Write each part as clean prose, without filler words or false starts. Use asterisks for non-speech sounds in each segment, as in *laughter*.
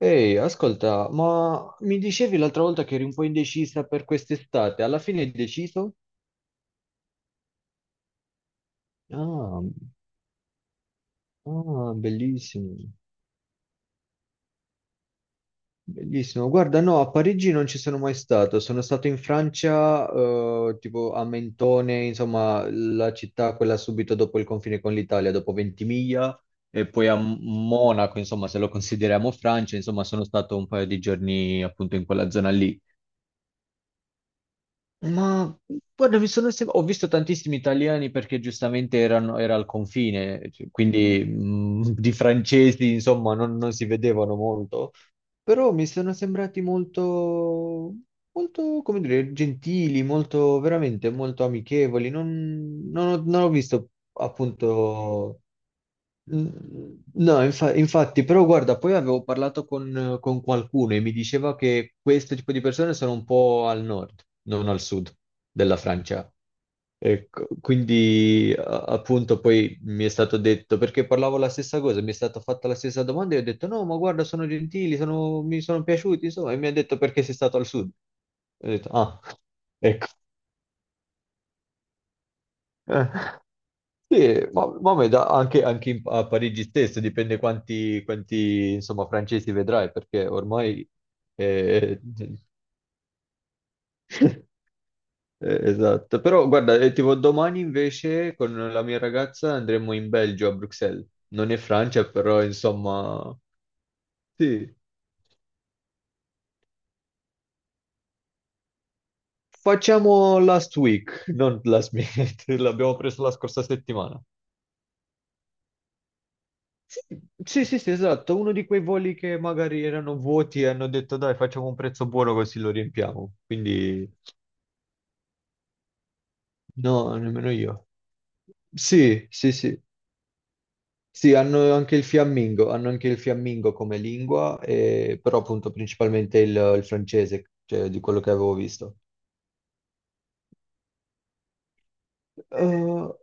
Ehi, ascolta, ma mi dicevi l'altra volta che eri un po' indecisa per quest'estate, alla fine hai deciso? Ah, ah, bellissimo, bellissimo. Guarda, no, a Parigi non ci sono mai stato, sono stato in Francia, tipo a Mentone, insomma, la città quella subito dopo il confine con l'Italia, dopo Ventimiglia, e poi a Monaco, insomma, se lo consideriamo Francia, insomma, sono stato un paio di giorni appunto in quella zona lì. Ma guarda, ho visto tantissimi italiani perché giustamente erano, era al confine, cioè, quindi di francesi, insomma, non si vedevano molto, però mi sono sembrati molto, molto, come dire, gentili, molto, veramente molto amichevoli. Non ho visto appunto. Mm, no, infatti, però guarda, poi avevo parlato con qualcuno e mi diceva che questo tipo di persone sono un po' al nord, non al sud della Francia. Ecco, quindi appunto poi mi è stato detto, perché parlavo la stessa cosa, mi è stata fatta la stessa domanda e ho detto no, ma guarda, sono gentili, mi sono piaciuti, insomma, e mi ha detto perché sei stato al sud. Ho detto, ah, ecco. Sì, ma anche, a Parigi stesso dipende quanti, insomma, francesi vedrai, perché ormai. eh, *laughs* eh, esatto, però guarda, tipo domani invece con la mia ragazza andremo in Belgio, a Bruxelles. Non è Francia, però insomma. Sì, facciamo last week, non last minute, *laughs* l'abbiamo preso la scorsa settimana. Sì, sì, sì, sì, esatto, uno di quei voli che magari erano vuoti e hanno detto dai, facciamo un prezzo buono così lo riempiamo. Quindi no, nemmeno io. Sì, sì, sì. Sì, hanno anche il fiammingo come lingua, però appunto principalmente il francese, cioè di quello che avevo visto. Eh,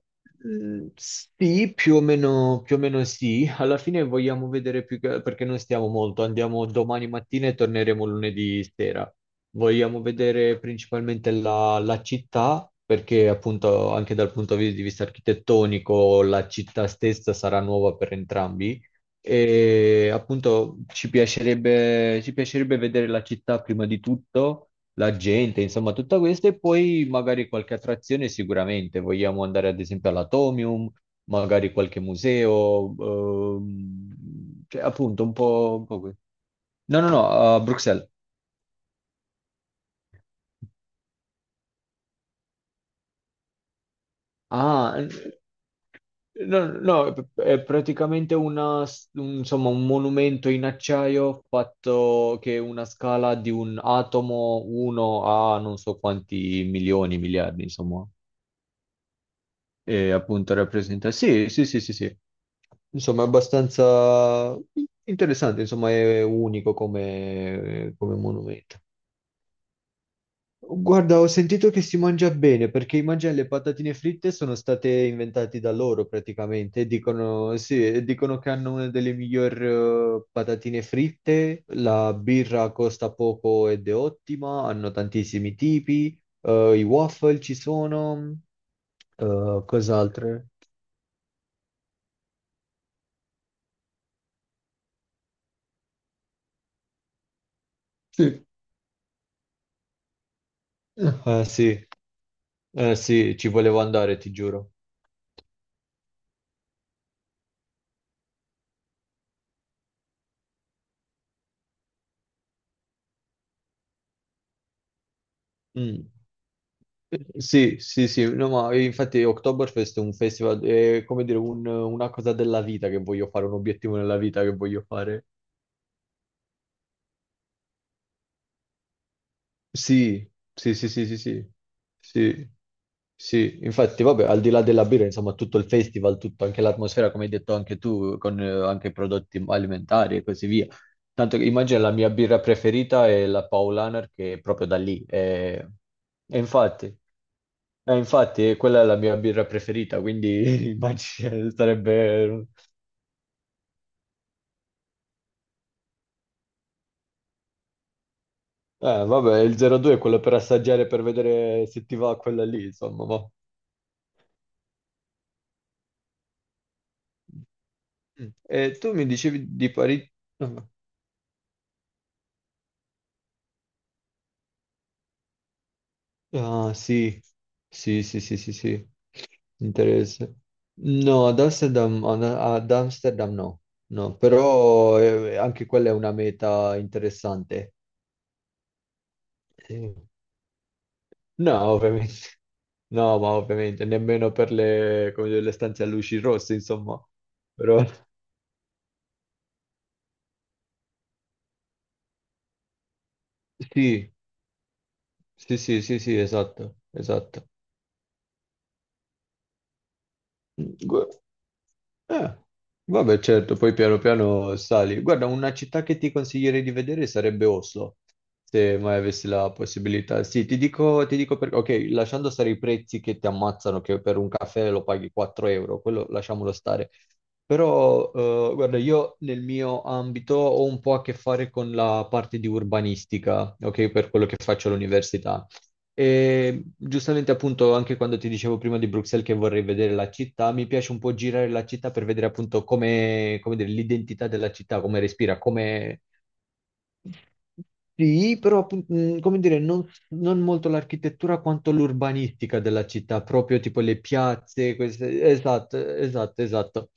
sì, più o meno sì. Alla fine vogliamo vedere più che, perché non stiamo molto. Andiamo domani mattina e torneremo lunedì sera. Vogliamo vedere principalmente la città, perché appunto anche dal punto di vista architettonico la città stessa sarà nuova per entrambi. E appunto ci piacerebbe vedere la città prima di tutto la gente, insomma, tutta questa e poi magari qualche attrazione sicuramente. Vogliamo andare ad esempio all'Atomium, magari qualche museo, cioè appunto No, no, no, a Bruxelles. No, no, è praticamente una, insomma, un monumento in acciaio fatto che è una scala di un atomo 1 a non so quanti milioni, miliardi, insomma. E appunto rappresenta. Sì, sì, sì, sì, sì. Insomma, è abbastanza interessante, insomma, è unico come monumento. Guarda, ho sentito che si mangia bene perché i mangiare le patatine fritte sono state inventate da loro praticamente. Dicono, sì, e dicono che hanno una delle migliori patatine fritte. La birra costa poco ed è ottima. Hanno tantissimi tipi. I waffle ci sono. Cos'altro? Sì. Eh sì, eh sì, ci volevo andare, ti giuro. Mm. Sì, sì, sì, no, ma infatti Oktoberfest è un festival, è come dire una cosa della vita che voglio fare, un obiettivo nella vita che voglio fare. Sì, sì, sì, sì, sì, sì, sì, sì. Infatti, vabbè, al di là della birra, insomma, tutto il festival, tutto, anche l'atmosfera, come hai detto anche tu, con anche i prodotti alimentari e così via. Tanto che immagina la mia birra preferita è la Paulaner, che è proprio da lì. E infatti. Infatti, quella è la mia birra preferita, quindi *laughs* immagino sarebbe. Vabbè, il 02 è quello per assaggiare, per vedere se ti va quella lì, insomma. Mm. E tu mi dicevi di Parigi. Ah, ah, sì. Sì, sì, sì, sì, sì. Interesse. No, ad Amsterdam, ad Amsterdam no. No, però anche quella è una meta interessante. Sì. No, ovviamente. No, ma ovviamente nemmeno per le, come dire, le stanze a luci rosse, insomma. Però *laughs* sì, sì, sì, sì, sì, esatto, esatto. Mm, gu- eh, Vabbè, certo, poi piano piano sali. Guarda, una città che ti consiglierei di vedere sarebbe Oslo, se mai avessi la possibilità. Sì, ti dico perché, ok, lasciando stare i prezzi che ti ammazzano, che per un caffè lo paghi 4 euro, quello lasciamolo stare. Però, guarda, io nel mio ambito ho un po' a che fare con la parte di urbanistica, ok, per quello che faccio all'università. E giustamente, appunto, anche quando ti dicevo prima di Bruxelles che vorrei vedere la città, mi piace un po' girare la città per vedere appunto come, come dire, l'identità della città, come respira, come, sì, però come dire, non molto l'architettura quanto l'urbanistica della città, proprio tipo le piazze, esatto, esatto, esatto.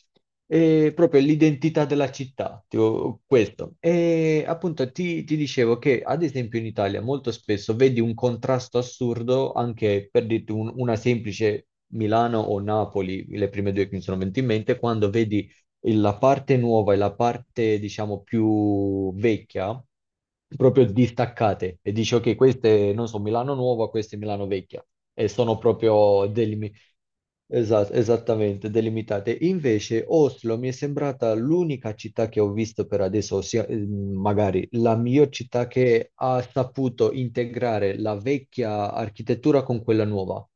E proprio l'identità della città, tipo questo. E appunto ti dicevo che ad esempio in Italia molto spesso vedi un contrasto assurdo anche per dirti una semplice Milano o Napoli, le prime due che mi sono venute in mente, quando vedi la parte nuova e la parte, diciamo, più vecchia proprio distaccate e dici ok, queste non so, Milano Nuova, queste Milano Vecchia e sono proprio esatto, esattamente, delimitate. Invece Oslo mi è sembrata l'unica città che ho visto per adesso, ossia magari la miglior città che ha saputo integrare la vecchia architettura con quella nuova.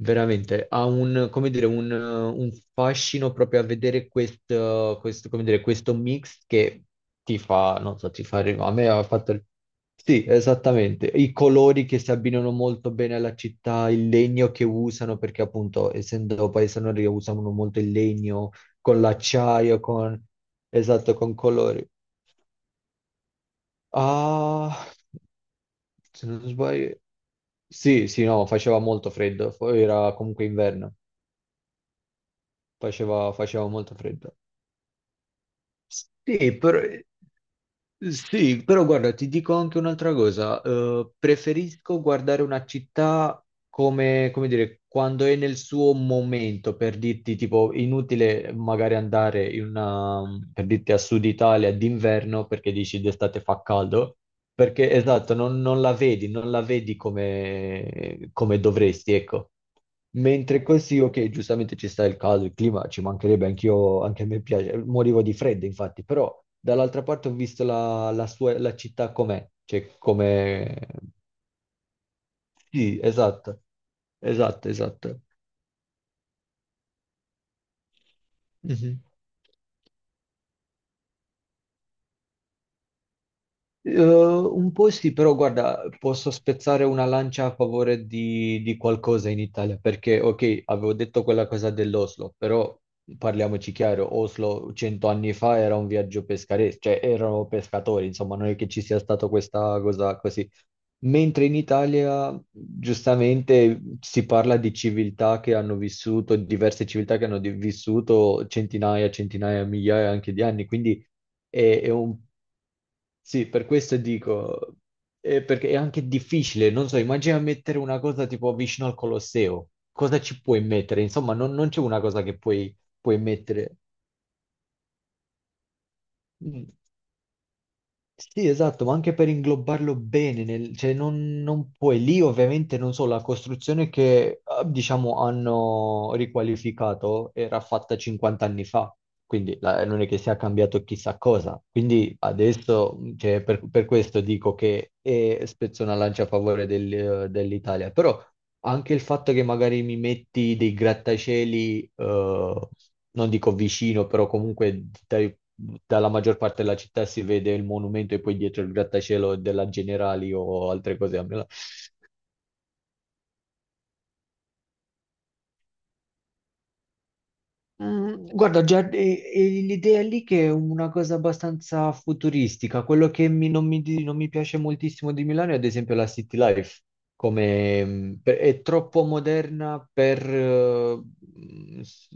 Veramente, ha un, come dire, un fascino proprio a vedere questo, come dire, questo mix che ti fa, non so, ti fa, a me ha fatto sì, esattamente. I colori che si abbinano molto bene alla città, il legno che usano, perché appunto, essendo paese nordico, usano molto il legno con l'acciaio, con. Esatto, con colori. Ah, se non sbaglio. Sì, sì, no, faceva molto freddo, poi era comunque inverno, faceva molto freddo. Sì, però. Sì, però guarda, ti dico anche un'altra cosa. Preferisco guardare una città come, come dire, quando è nel suo momento, per dirti, tipo, inutile magari andare in una, per dirti a Sud Italia d'inverno perché dici d'estate fa caldo, perché esatto, non la vedi, come, dovresti, ecco. Mentre così, ok, giustamente ci sta il caldo, il clima, ci mancherebbe, anch'io, anche a me piace, morivo di freddo infatti, però dall'altra parte ho visto la, la sua, la città com'è, cioè come. Sì, esatto, esatto, esatto. Mhm. Un po' sì, però guarda, posso spezzare una lancia a favore di qualcosa in Italia, perché ok, avevo detto quella cosa dell'Oslo, però parliamoci chiaro, Oslo 100 anni fa era un viaggio pescaresco, cioè erano pescatori, insomma, non è che ci sia stata questa cosa così. Mentre in Italia, giustamente, si parla di civiltà che hanno vissuto, diverse civiltà che hanno vissuto centinaia, centinaia, migliaia anche di anni, quindi è un sì, per questo dico, perché è anche difficile, non so, immagina mettere una cosa tipo vicino al Colosseo, cosa ci puoi mettere? Insomma, non c'è una cosa che puoi mettere. Mm. Sì, esatto, ma anche per inglobarlo bene, cioè non puoi, lì ovviamente non so, la costruzione che diciamo hanno riqualificato era fatta 50 anni fa, quindi non è che sia cambiato chissà cosa, quindi adesso cioè, per questo dico che spezzo una lancia a favore dell'Italia, però anche il fatto che magari mi metti dei grattacieli, non dico vicino, però comunque dalla maggior parte della città si vede il monumento e poi dietro il grattacielo della Generali o altre cose, a Milano. Guarda, già l'idea lì che è una cosa abbastanza futuristica, quello che non mi, non mi piace moltissimo di Milano è ad esempio la City Life, è troppo moderna per. Mm, s-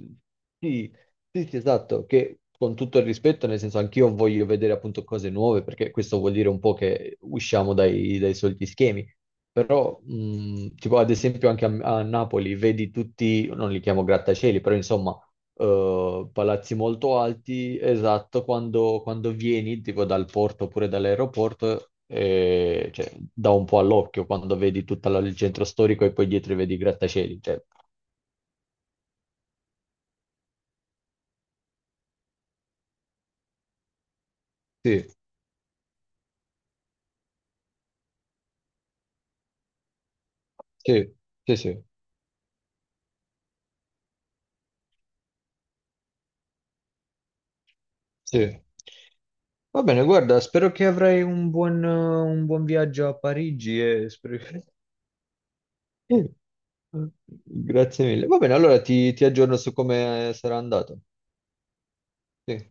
sì, sì, sì, esatto, che con tutto il rispetto, nel senso anch'io voglio vedere appunto cose nuove, perché questo vuol dire un po' che usciamo dai soliti schemi. Però, tipo ad esempio anche a Napoli, vedi tutti, non li chiamo grattacieli, però insomma, palazzi molto alti, esatto, quando vieni tipo dal porto oppure dall'aeroporto, cioè, dà un po' all'occhio quando vedi tutto il centro storico e poi dietro vedi i grattacieli. Cioè. Sì, sì, sì, sì, sì. Va bene, guarda, spero che avrai un buon viaggio a Parigi e spero che. *laughs* Grazie mille. Va bene, allora ti aggiorno su come sarà andato. Sì.